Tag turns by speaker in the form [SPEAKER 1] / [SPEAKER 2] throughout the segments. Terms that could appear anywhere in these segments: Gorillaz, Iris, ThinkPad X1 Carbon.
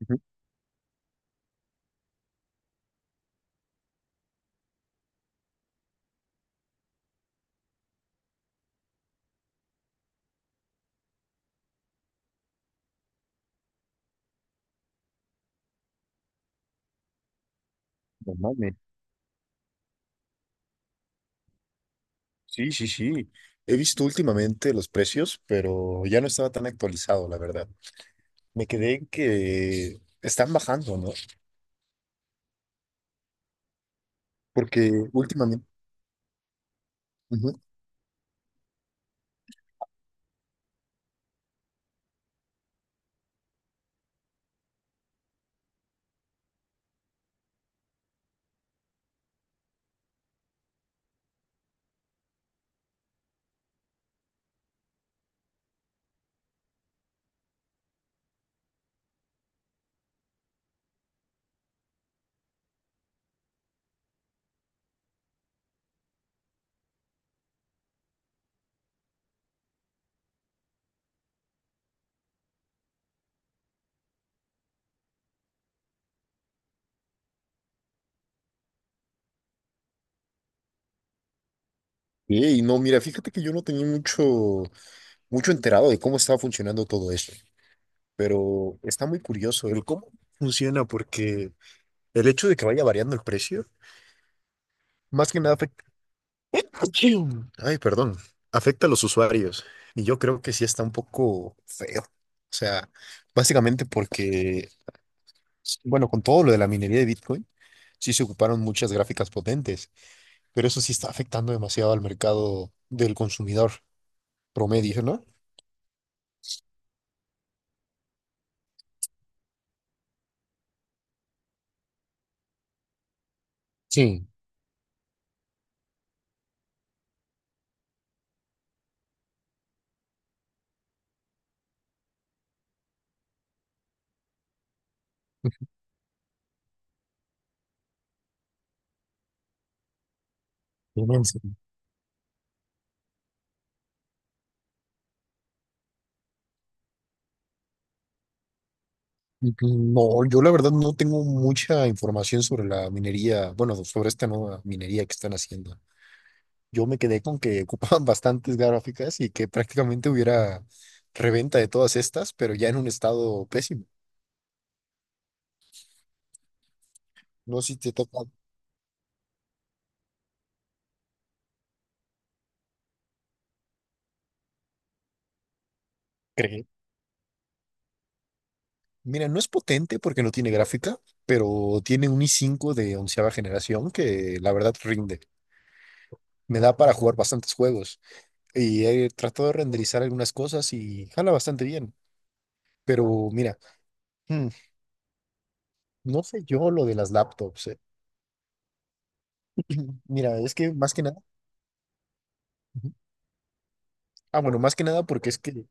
[SPEAKER 1] Ujú, no mames. Sí, sí, sí. He visto últimamente los precios, pero ya no estaba tan actualizado, la verdad. Me quedé en que están bajando, ¿no? Porque últimamente. Ujú. Sí, y no, mira, fíjate que yo no tenía mucho enterado de cómo estaba funcionando todo esto, pero está muy curioso el cómo funciona, porque el hecho de que vaya variando el precio, más que nada. Achín. Ay, perdón. Afecta a los usuarios. Y yo creo que sí está un poco feo. O sea, básicamente porque, bueno, con todo lo de la minería de Bitcoin, sí se ocuparon muchas gráficas potentes, pero eso sí está afectando demasiado al mercado del consumidor promedio, ¿no? Sí, inmenso. No, yo la verdad no tengo mucha información sobre la minería, bueno, sobre esta nueva minería que están haciendo. Yo me quedé con que ocupaban bastantes gráficas y que prácticamente hubiera reventa de todas estas, pero ya en un estado pésimo. No sé si te toca creer. Mira, no es potente porque no tiene gráfica, pero tiene un i5 de onceava generación que la verdad rinde. Me da para jugar bastantes juegos y he tratado de renderizar algunas cosas y jala bastante bien. Pero mira, hmm, no sé yo lo de las laptops. Mira, es que más que nada, ujú. Ah, bueno, más que nada porque es que.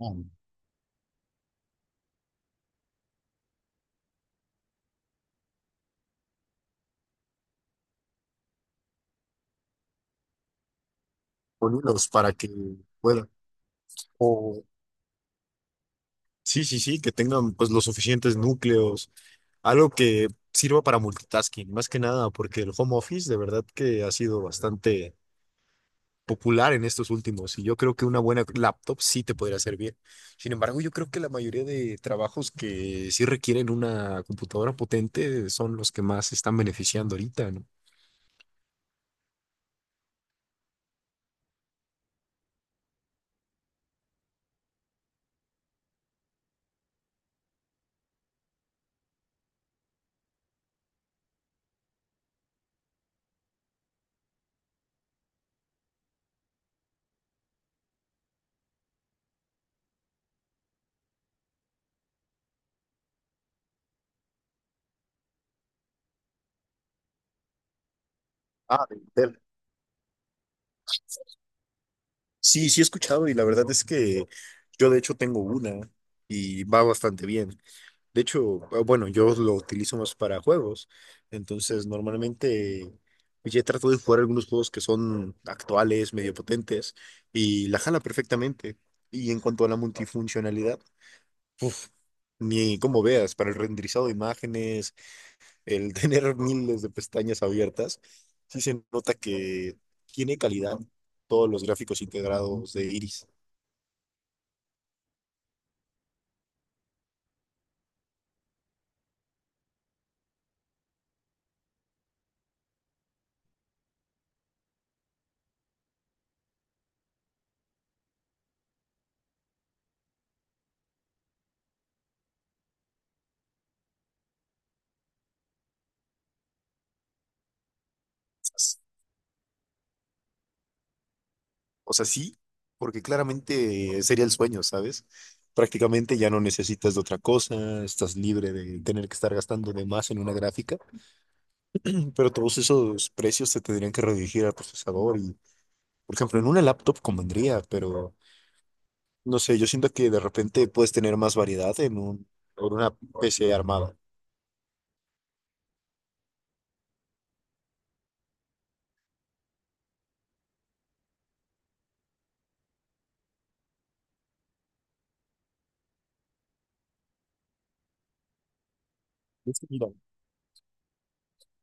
[SPEAKER 1] Ah, con hilos para que puedan. O sí, sí, sí, que tengan pues los suficientes núcleos, algo que sirva para multitasking, más que nada, porque el home office de verdad que ha sido bastante popular en estos últimos y yo creo que una buena laptop sí te podría servir. Sin embargo, yo creo que la mayoría de trabajos que sí requieren una computadora potente son los que más se están beneficiando ahorita, ¿no? Ah, de Intel. Sí, sí he escuchado y la verdad es que yo de hecho tengo una y va bastante bien. De hecho, ah, bueno, yo lo utilizo más para juegos, entonces normalmente pues, ya trato de jugar algunos juegos que son actuales, medio potentes y la jala perfectamente. Y en cuanto a la multifuncionalidad, uf, ni como veas, para el renderizado de imágenes, el tener miles de pestañas abiertas, sí se nota que tiene calidad todos los gráficos integrados de Iris. O sea, sí, porque claramente sería el sueño, ¿sabes? Prácticamente ya no necesitas de otra cosa, estás libre de tener que estar gastando de más en una gráfica, pero todos esos precios se tendrían que redirigir al procesador y, por ejemplo, en una laptop convendría, pero no sé, yo siento que de repente puedes tener más variedad en una PC armada.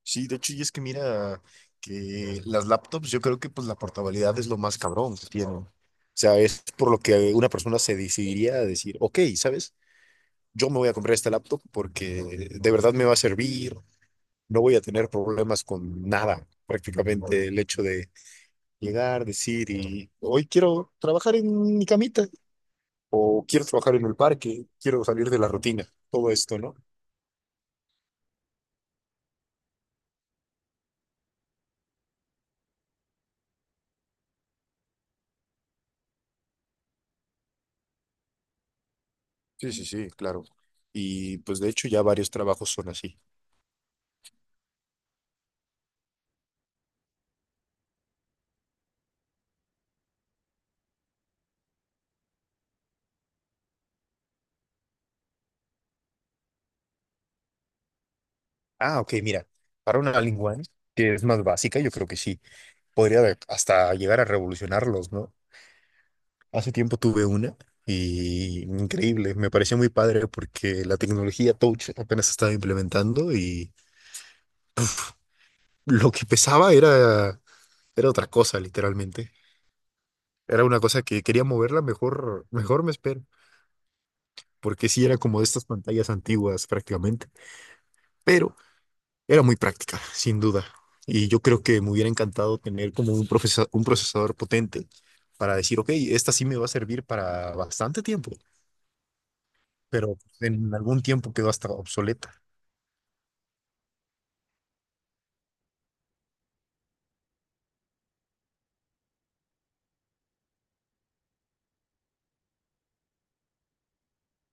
[SPEAKER 1] Sí, de hecho, y es que mira que las laptops, yo creo que pues la portabilidad es lo más cabrón que tienen. O sea, es por lo que una persona se decidiría a decir, ok, ¿sabes? Yo me voy a comprar esta laptop porque de verdad me va a servir, no voy a tener problemas con nada. Prácticamente el hecho de llegar, decir, y hoy quiero trabajar en mi camita, o quiero trabajar en el parque, quiero salir de la rutina, todo esto, ¿no? Sí, sí, sí, claro. Y pues de hecho ya varios trabajos son así. Ah, ok, mira, para una lingua que es más básica, yo creo que sí, hasta llegar a revolucionarlos, ¿no? Hace tiempo tuve una y increíble, me pareció muy padre porque la tecnología Touch apenas se estaba implementando y lo que pesaba era otra cosa, literalmente. Era una cosa que quería moverla, mejor, mejor me espero, porque sí era como de estas pantallas antiguas prácticamente, pero era muy práctica, sin duda. Y yo creo que me hubiera encantado tener como un un procesador potente para decir, ok, esta sí me va a servir para bastante tiempo, pero en algún tiempo quedó hasta obsoleta.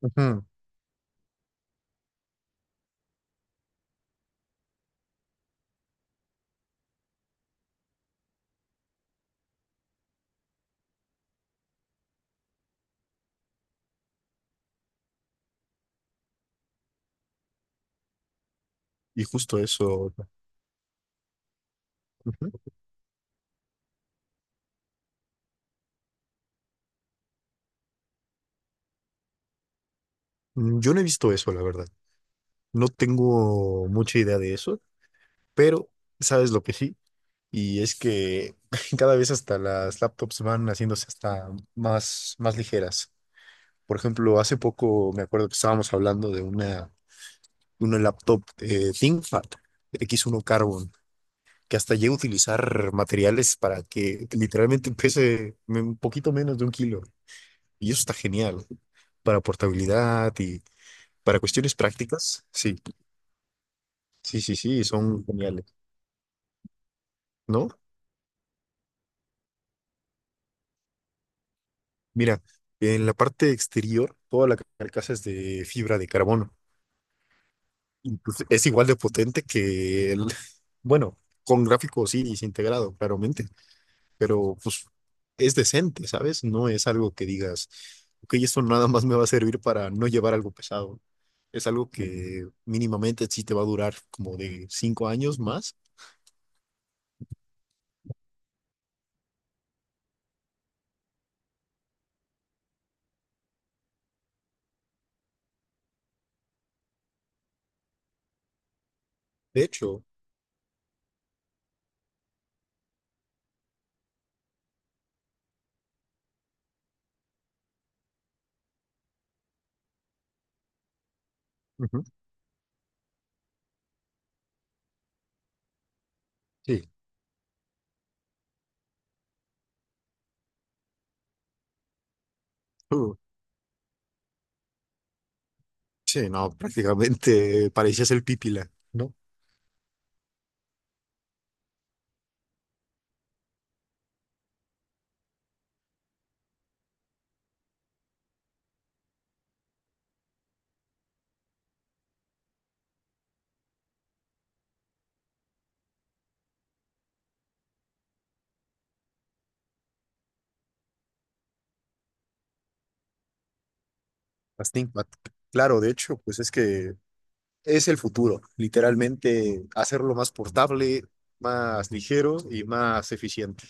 [SPEAKER 1] Ujú. Y justo eso. Ujú. Yo no he visto eso, la verdad. No tengo mucha idea de eso, pero sabes lo que sí. Y es que cada vez hasta las laptops van haciéndose hasta más ligeras. Por ejemplo, hace poco me acuerdo que estábamos hablando de una laptop ThinkPad X1 Carbon, que hasta llega a utilizar materiales para que literalmente pese un poquito menos de un kilo. Y eso está genial para portabilidad y para cuestiones prácticas. Sí, sí, sí, sí, son geniales, ¿no? Mira, en la parte exterior, toda la carcasa es de fibra de carbono. Y pues es igual de potente que el, bueno, con gráficos sí, integrado, claramente. Pero pues es decente, ¿sabes? No es algo que digas, ok, esto nada más me va a servir para no llevar algo pesado. Es algo que mínimamente sí te va a durar como de 5 años más. De hecho, ujú. Sí, Uh, sí, no, prácticamente parecías el pípila, ¿no? Las ThinkPad. Claro, de hecho, pues es que es el futuro, literalmente hacerlo más portable, más ligero y más eficiente.